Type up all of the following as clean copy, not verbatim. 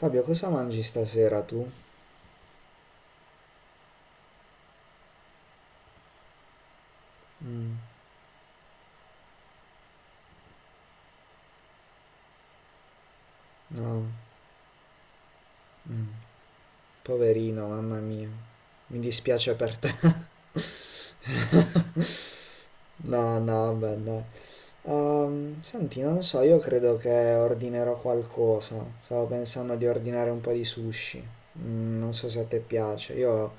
Fabio, cosa mangi stasera tu? Mm, no, mm, poverino, mamma mia. Mi dispiace per te. No, no, beh, dai. Senti, non so, io credo che ordinerò qualcosa. Stavo pensando di ordinare un po' di sushi. Non so se a te piace. Io,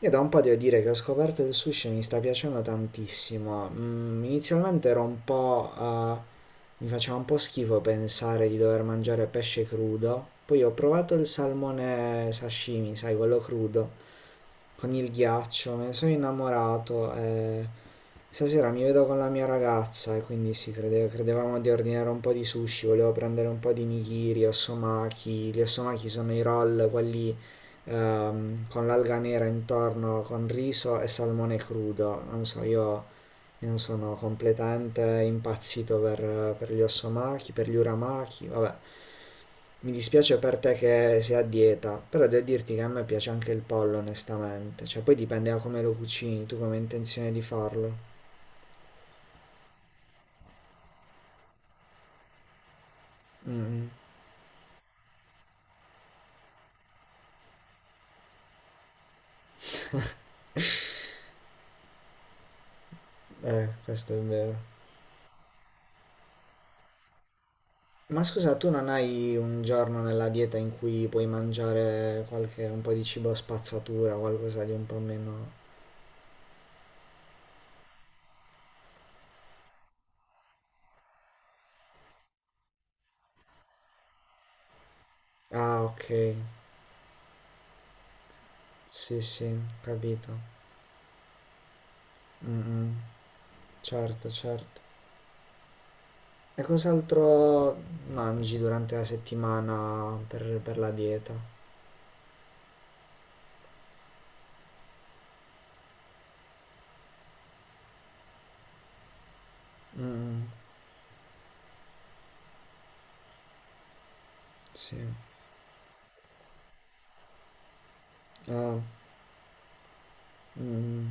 io da un po' devo dire che ho scoperto il sushi e mi sta piacendo tantissimo. Inizialmente ero un po', mi faceva un po' schifo pensare di dover mangiare pesce crudo. Poi ho provato il salmone sashimi, sai, quello crudo, con il ghiaccio, me ne sono innamorato. E... Stasera mi vedo con la mia ragazza e quindi sì, credevamo di ordinare un po' di sushi, volevo prendere un po' di nigiri, osomaki. Gli osomaki sono i roll, quelli con l'alga nera intorno, con riso e salmone crudo. Non so, io sono completamente impazzito per gli Osomaki, per gli Uramaki, vabbè. Mi dispiace per te che sei a dieta, però devo dirti che a me piace anche il pollo, onestamente. Cioè, poi dipende da come lo cucini, tu come hai intenzione di farlo. Mm, questo è vero. Ma scusa, tu non hai un giorno nella dieta in cui puoi mangiare qualche, un po' di cibo spazzatura, qualcosa di un po' meno... Ah, ok. Sì, sì, capito. Mm, mm. Certo, certo. E cos'altro mangi durante la settimana per la dieta? Mm, sì. Ah, mm,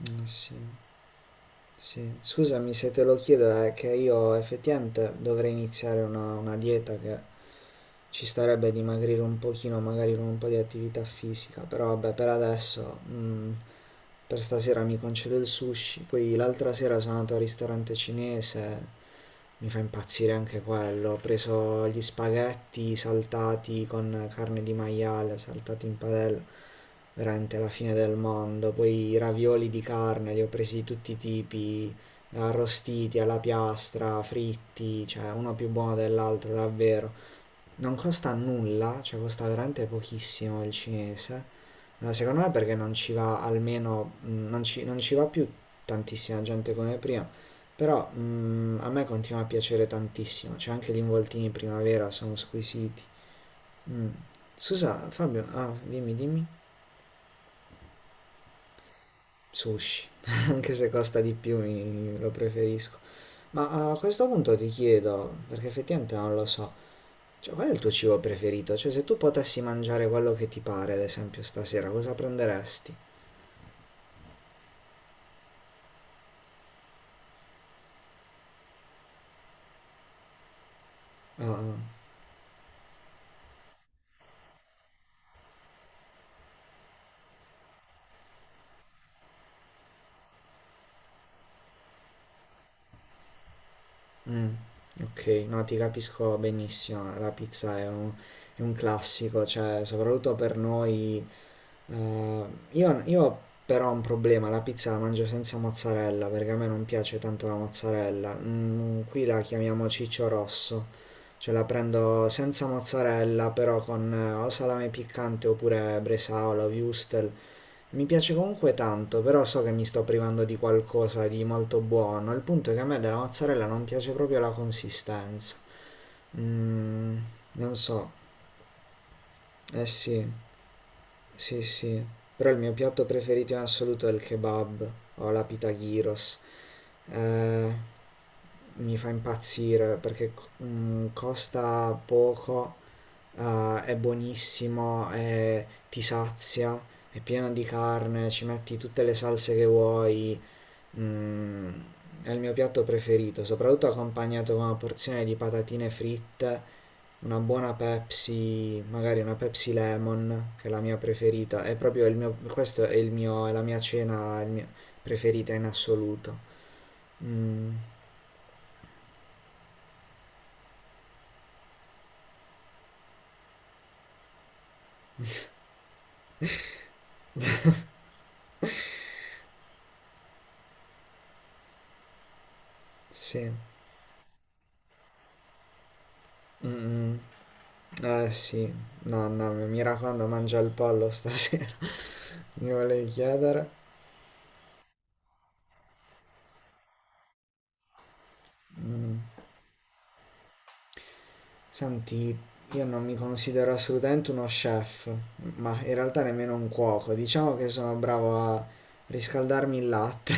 mm, sì, sì. Scusami se te lo chiedo, è che io effettivamente dovrei iniziare una dieta che ci starebbe dimagrire un pochino, magari con un po' di attività fisica, però vabbè, per adesso, per stasera mi concedo il sushi, poi l'altra sera sono andato al ristorante cinese, mi fa impazzire anche quello. Ho preso gli spaghetti saltati con carne di maiale, saltati in padella, veramente la fine del mondo. Poi i ravioli di carne, li ho presi di tutti i tipi, arrostiti alla piastra, fritti, cioè uno più buono dell'altro, davvero. Non costa nulla, cioè costa veramente pochissimo il cinese. Secondo me perché non ci va almeno, non ci va più tantissima gente come prima, però a me continua a piacere tantissimo, cioè anche gli involtini in primavera sono squisiti. Mm. Scusa Fabio, ah, dimmi. Sushi, anche se costa di più lo preferisco. Ma a questo punto ti chiedo, perché effettivamente non lo so, cioè, qual è il tuo cibo preferito? Cioè, se tu potessi mangiare quello che ti pare, ad esempio, stasera, cosa prenderesti? Ah, mm, ok, no, ti capisco benissimo. La pizza è un, È un classico, cioè, soprattutto per noi. eh, io però ho un problema, la pizza la mangio senza mozzarella, perché a me non piace tanto la mozzarella. Qui la chiamiamo ciccio rosso. Cioè la prendo senza mozzarella, però con o salame piccante oppure bresaola o wurstel. Mi piace comunque tanto, però so che mi sto privando di qualcosa di molto buono. Il punto è che a me della mozzarella non piace proprio la consistenza. Mm, Non so. Eh sì, sì, sì. Però il mio piatto preferito in assoluto è il kebab o la pita gyros. Eh, mi fa impazzire perché costa poco, è buonissimo, ti sazia, è pieno di carne, ci metti tutte le salse che vuoi. Mm, è il mio piatto preferito, soprattutto accompagnato con una porzione di patatine fritte, una buona Pepsi, magari una Pepsi Lemon, che è la mia preferita. È proprio il mio, questo è il mio, è la mia cena, preferita in assoluto. Mm, sì. Mm, mm. Eh sì, no, no, mi raccomando, mangia il pollo stasera. Mi volevi chiedere? Mm. Senti, io non mi considero assolutamente uno chef, ma in realtà nemmeno un cuoco. Diciamo che sono bravo a riscaldarmi il latte.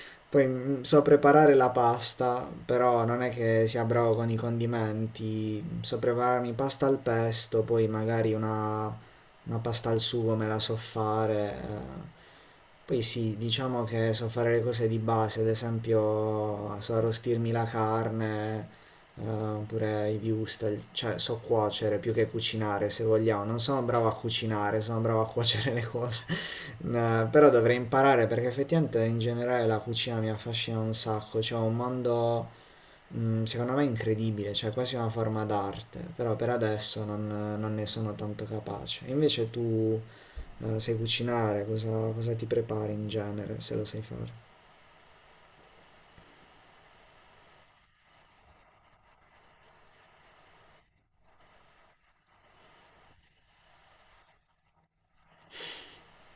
Poi so preparare la pasta, però non è che sia bravo con i condimenti. So prepararmi pasta al pesto, una pasta al sugo me la so fare. Eh. Poi sì, diciamo che so fare le cose di base, ad esempio so arrostirmi la carne, pure i viewstel, cioè so cuocere più che cucinare se vogliamo, non sono bravo a cucinare, sono bravo a cuocere le cose, eh, però dovrei imparare perché effettivamente in generale la cucina mi affascina un sacco, cioè è un mondo secondo me incredibile, cioè quasi una forma d'arte, però per adesso non ne sono tanto capace. Invece tu sai cucinare, cosa ti prepari in genere se lo sai fare?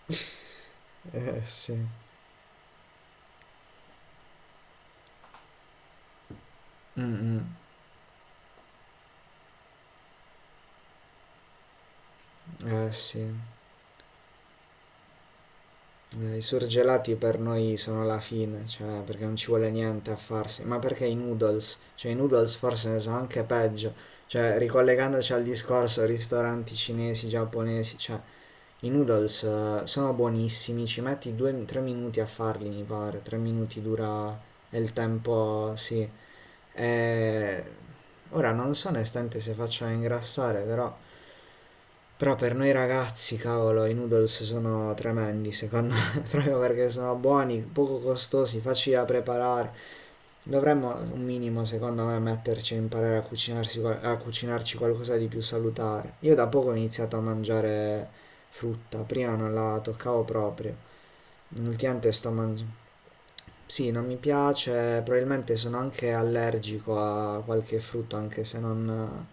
Eh sì, mm, mm. Eh sì. I surgelati per noi sono la fine, cioè perché non ci vuole niente a farsi, ma perché i noodles? Cioè i noodles forse ne sono anche peggio, cioè ricollegandoci al discorso ristoranti cinesi, giapponesi, cioè i noodles sono buonissimi, ci metti 2-3 minuti a farli mi pare, 3 minuti dura è il tempo, sì. E... Ora non so onestamente se faccia ingrassare, però per noi ragazzi, cavolo, i noodles sono tremendi, secondo me, proprio perché sono buoni, poco costosi, facili da preparare. Dovremmo un minimo, secondo me, metterci a imparare a cucinarci qualcosa di più salutare. Io da poco ho iniziato a mangiare frutta, prima non la toccavo proprio. Ultimamente sto mangiando. Sì, non mi piace, probabilmente sono anche allergico a qualche frutto, anche se non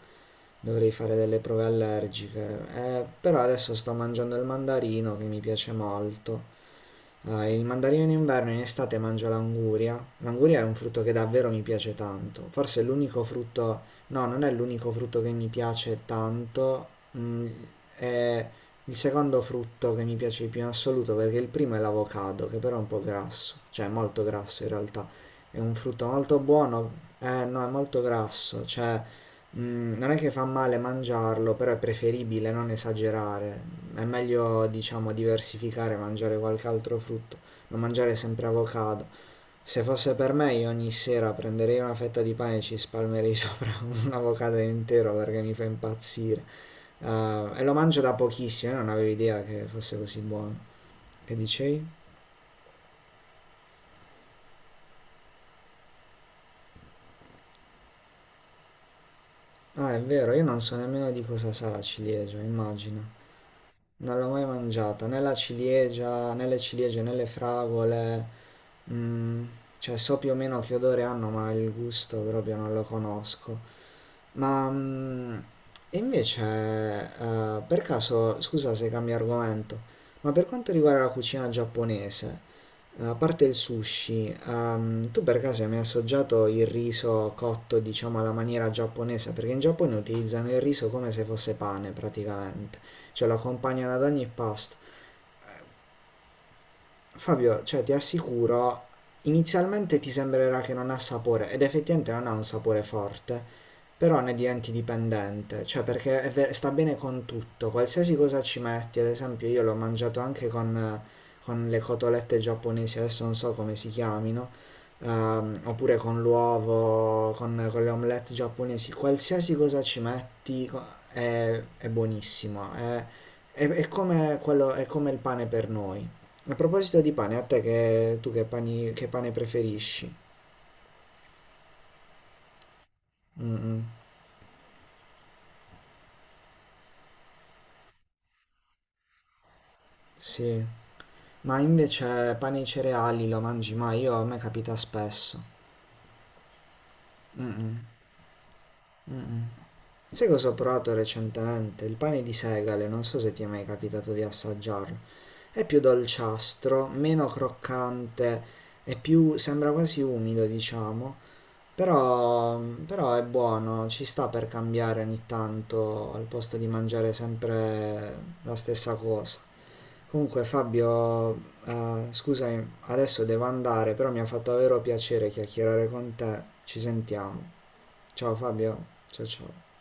dovrei fare delle prove allergiche. Però adesso sto mangiando il mandarino che mi piace molto. Ah, il mandarino in inverno e in estate mangio l'anguria. L'anguria è un frutto che davvero mi piace tanto. Forse è l'unico frutto, no, non è l'unico frutto che mi piace tanto, mm, è il secondo frutto che mi piace di più in assoluto perché il primo è l'avocado, che però è un po' grasso, cioè è molto grasso in realtà. È un frutto molto buono, eh no, è molto grasso, cioè non è che fa male mangiarlo, però è preferibile non esagerare. È meglio, diciamo, diversificare, mangiare qualche altro frutto, non mangiare sempre avocado. Se fosse per me, io ogni sera prenderei una fetta di pane e ci spalmerei sopra un avocado intero perché mi fa impazzire. E lo mangio da pochissimo, io non avevo idea che fosse così buono. Che dicevi? Ah, è vero, io non so nemmeno di cosa sa la ciliegia, immagina. Non l'ho mai mangiata, né la ciliegia, né le ciliegie, né le fragole. Mm, cioè so più o meno che odore hanno, ma il gusto proprio non lo conosco. Ma mm, e invece, per caso, scusa se cambio argomento, ma per quanto riguarda la cucina giapponese, a parte il sushi, tu per caso hai mai assaggiato il riso cotto, diciamo, alla maniera giapponese? Perché in Giappone utilizzano il riso come se fosse pane, praticamente. Cioè lo accompagnano ad ogni pasto. Fabio, cioè, ti assicuro, inizialmente ti sembrerà che non ha sapore, ed effettivamente non ha un sapore forte, però ne diventi dipendente, cioè perché sta bene con tutto, qualsiasi cosa ci metti, ad esempio io l'ho mangiato anche con le cotolette giapponesi, adesso non so come si chiamino, oppure con l'uovo, con le omelette giapponesi, qualsiasi cosa ci metti co- è, è come il pane per noi. A proposito di pane, a te che tu che, pani- che pane preferisci? Mm, sì, ma invece pane e cereali lo mangi mai? Io a me capita spesso. Mm, mm. Sai cosa ho provato recentemente? Il pane di segale, non so se ti è mai capitato di assaggiarlo. È più dolciastro, meno croccante e più, sembra quasi umido, diciamo. Però, però è buono, ci sta per cambiare ogni tanto al posto di mangiare sempre la stessa cosa. Comunque Fabio, scusami, adesso devo andare, però mi ha fatto davvero piacere chiacchierare con te. Ci sentiamo. Ciao Fabio, ciao ciao.